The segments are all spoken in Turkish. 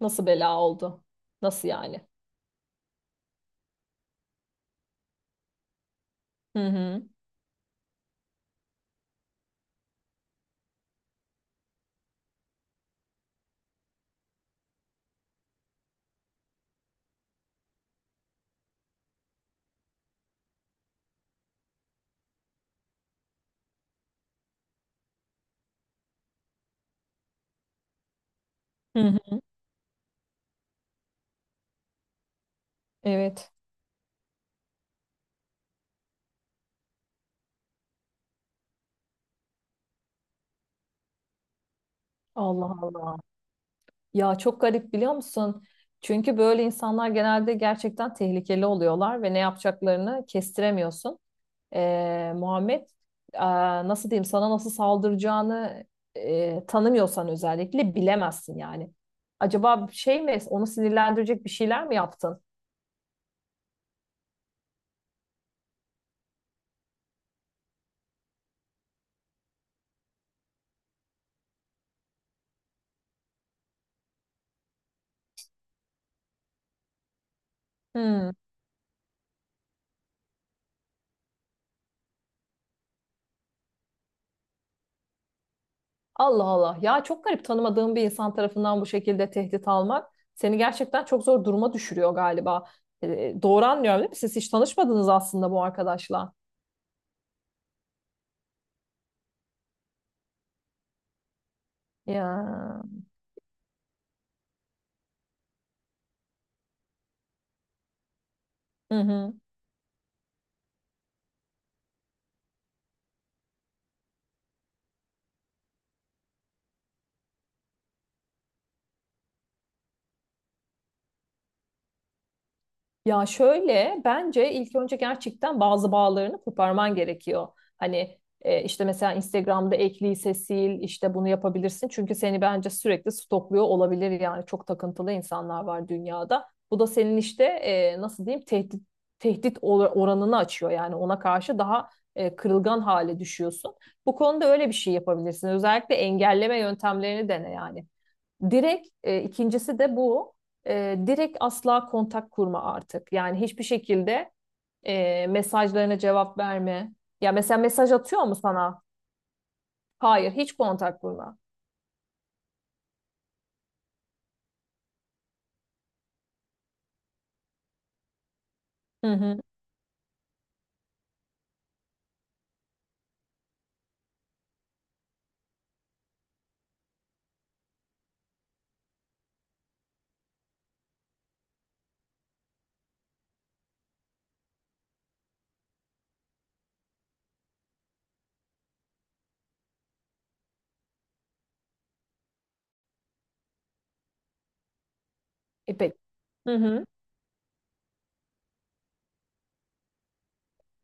Nasıl bela oldu? Nasıl yani? Hı hı. Hı hı. Evet. Allah Allah. Ya çok garip biliyor musun? Çünkü böyle insanlar genelde gerçekten tehlikeli oluyorlar ve ne yapacaklarını kestiremiyorsun. Muhammed, e, nasıl diyeyim sana nasıl saldıracağını tanımıyorsan özellikle bilemezsin yani. Acaba şey mi, onu sinirlendirecek bir şeyler mi yaptın? Hmm. Allah Allah. Ya çok garip, tanımadığım bir insan tarafından bu şekilde tehdit almak seni gerçekten çok zor duruma düşürüyor galiba. E, doğru anlıyorum değil mi? Siz hiç tanışmadınız aslında bu arkadaşla. Ya. Hı hı. Ya şöyle, bence ilk önce gerçekten bazı bağlarını koparman gerekiyor. Hani işte mesela Instagram'da ek lise sil, işte bunu yapabilirsin. Çünkü seni bence sürekli stokluyor olabilir, yani çok takıntılı insanlar var dünyada. Bu da senin işte nasıl diyeyim, oranını açıyor, yani ona karşı daha kırılgan hale düşüyorsun. Bu konuda öyle bir şey yapabilirsin. Özellikle engelleme yöntemlerini dene yani. Direkt, ikincisi de bu. E, direkt asla kontak kurma artık. Yani hiçbir şekilde mesajlarına cevap verme. Ya mesela mesaj atıyor mu sana? Hayır, hiç kontak kurma. Hı hı. E peki. Hı hı.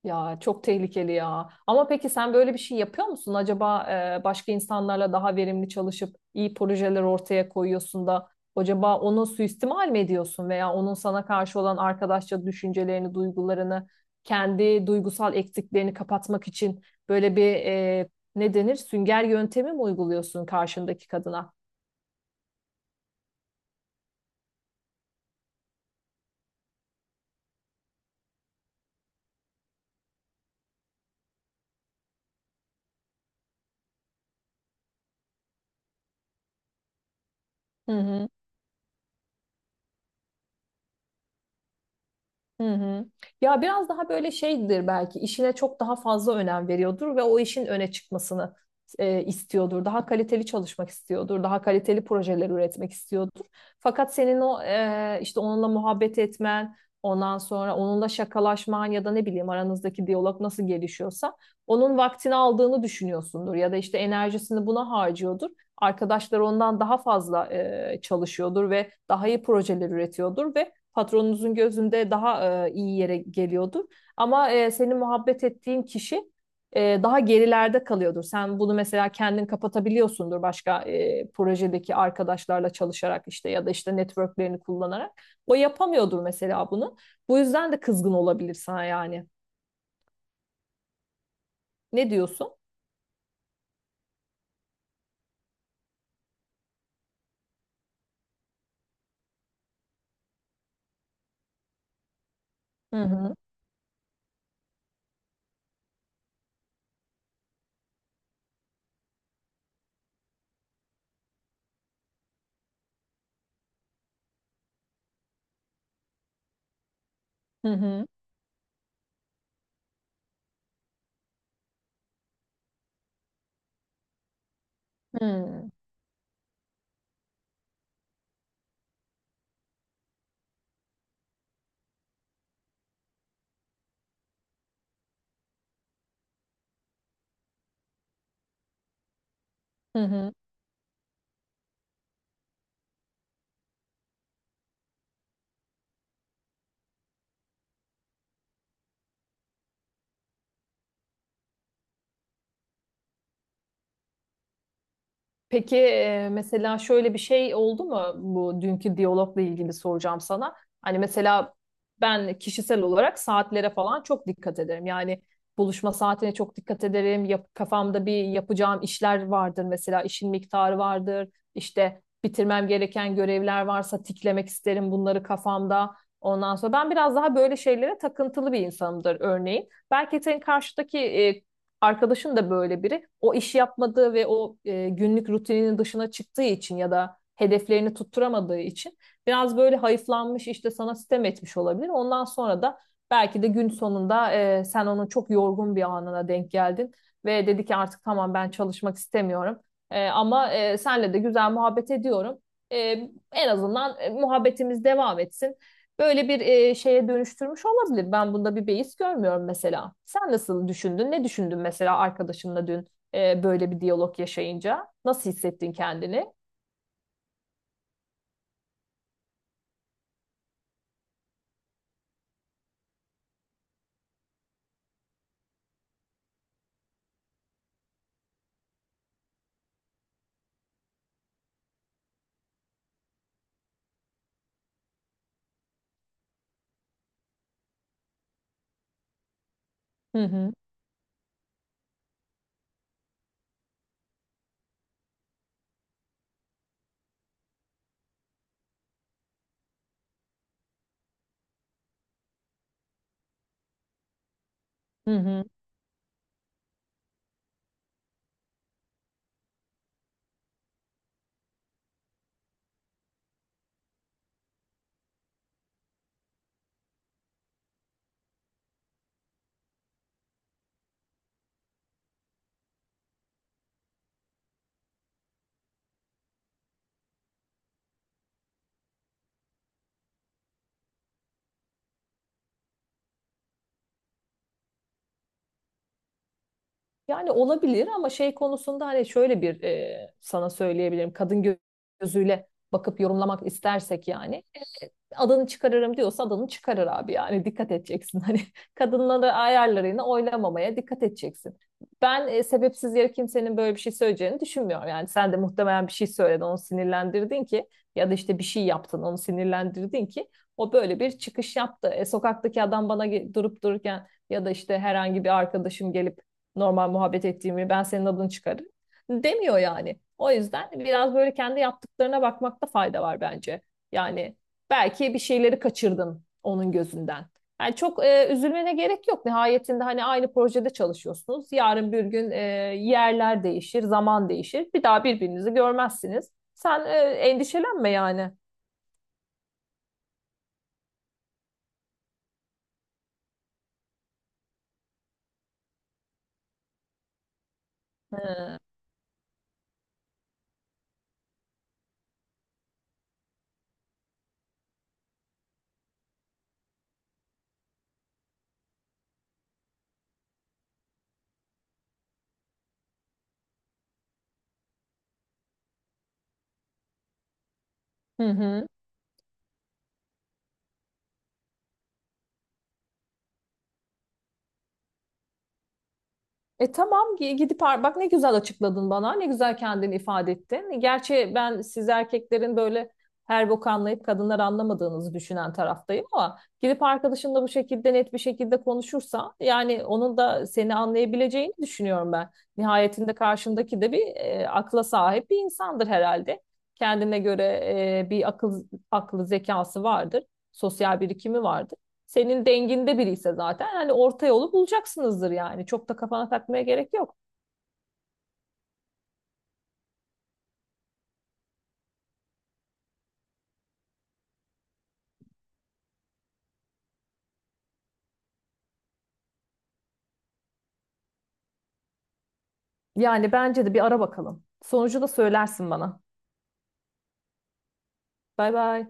Ya çok tehlikeli ya. Ama peki sen böyle bir şey yapıyor musun? Acaba başka insanlarla daha verimli çalışıp iyi projeler ortaya koyuyorsun da, acaba onu suistimal mi ediyorsun, veya onun sana karşı olan arkadaşça düşüncelerini, duygularını, kendi duygusal eksiklerini kapatmak için böyle bir ne denir, sünger yöntemi mi uyguluyorsun karşındaki kadına? Hı hı. Hı hı. Ya biraz daha böyle şeydir belki, işine çok daha fazla önem veriyordur ve o işin öne çıkmasını istiyordur. Daha kaliteli çalışmak istiyordur. Daha kaliteli projeler üretmek istiyordur. Fakat senin o işte onunla muhabbet etmen, ondan sonra onunla şakalaşman ya da ne bileyim aranızdaki diyalog nasıl gelişiyorsa onun vaktini aldığını düşünüyorsundur ya da işte enerjisini buna harcıyordur. Arkadaşlar ondan daha fazla çalışıyordur ve daha iyi projeler üretiyordur ve patronunuzun gözünde daha iyi yere geliyordur. Ama senin muhabbet ettiğin kişi daha gerilerde kalıyordur. Sen bunu mesela kendin kapatabiliyorsundur başka projedeki arkadaşlarla çalışarak, işte, ya da işte networklerini kullanarak. O yapamıyordur mesela bunu. Bu yüzden de kızgın olabilir sana yani. Ne diyorsun? Hı hı. Hı hı. Hı hı. Hı hı. Peki, mesela şöyle bir şey oldu mu, bu dünkü diyalogla ilgili soracağım sana. Hani mesela ben kişisel olarak saatlere falan çok dikkat ederim. Yani buluşma saatine çok dikkat ederim. Kafamda bir yapacağım işler vardır mesela, işin miktarı vardır. İşte bitirmem gereken görevler varsa tiklemek isterim bunları kafamda. Ondan sonra ben biraz daha böyle şeylere takıntılı bir insanımdır örneğin. Belki senin karşıdaki e, Arkadaşın da böyle biri. O işi yapmadığı ve o günlük rutininin dışına çıktığı için ya da hedeflerini tutturamadığı için biraz böyle hayıflanmış, işte sana sitem etmiş olabilir. Ondan sonra da belki de gün sonunda sen onun çok yorgun bir anına denk geldin ve dedi ki artık tamam ben çalışmak istemiyorum. Ama senle de güzel muhabbet ediyorum. E, En azından muhabbetimiz devam etsin, böyle bir şeye dönüştürmüş olabilir. Ben bunda bir beis görmüyorum mesela. Sen nasıl düşündün? Ne düşündün mesela arkadaşınla dün böyle bir diyalog yaşayınca? Nasıl hissettin kendini? Hı hı, hı hı. Yani olabilir ama şey konusunda, hani şöyle bir sana söyleyebilirim. Gözüyle bakıp yorumlamak istersek yani. Adını çıkarırım diyorsa adını çıkarır abi, yani dikkat edeceksin. Hani kadınları ayarlarını oynamamaya dikkat edeceksin. Ben sebepsiz yere kimsenin böyle bir şey söyleyeceğini düşünmüyorum. Yani sen de muhtemelen bir şey söyledin, onu sinirlendirdin ki, ya da işte bir şey yaptın, onu sinirlendirdin ki o böyle bir çıkış yaptı. E, sokaktaki adam bana durup dururken ya da işte herhangi bir arkadaşım gelip normal muhabbet ettiğimi, ben senin adını çıkarırım demiyor yani. O yüzden biraz böyle kendi yaptıklarına bakmakta fayda var bence. Yani belki bir şeyleri kaçırdın onun gözünden. Yani çok üzülmene gerek yok. Nihayetinde hani aynı projede çalışıyorsunuz. Yarın bir gün yerler değişir, zaman değişir. Bir daha birbirinizi görmezsiniz. Sen endişelenme yani. Hı hı. E tamam, gidip bak ne güzel açıkladın bana. Ne güzel kendini ifade ettin. Gerçi ben siz erkeklerin böyle her boku anlayıp kadınlar anlamadığınızı düşünen taraftayım, ama gidip arkadaşınla bu şekilde net bir şekilde konuşursa yani onun da seni anlayabileceğini düşünüyorum ben. Nihayetinde karşındaki de bir akla sahip bir insandır herhalde. Kendine göre e, bir akıl aklı zekası vardır. Sosyal birikimi vardır, senin denginde biri ise zaten hani orta yolu bulacaksınızdır yani. Çok da kafana takmaya gerek yok. Yani bence de bir ara bakalım. Sonucu da söylersin bana. Bay bay.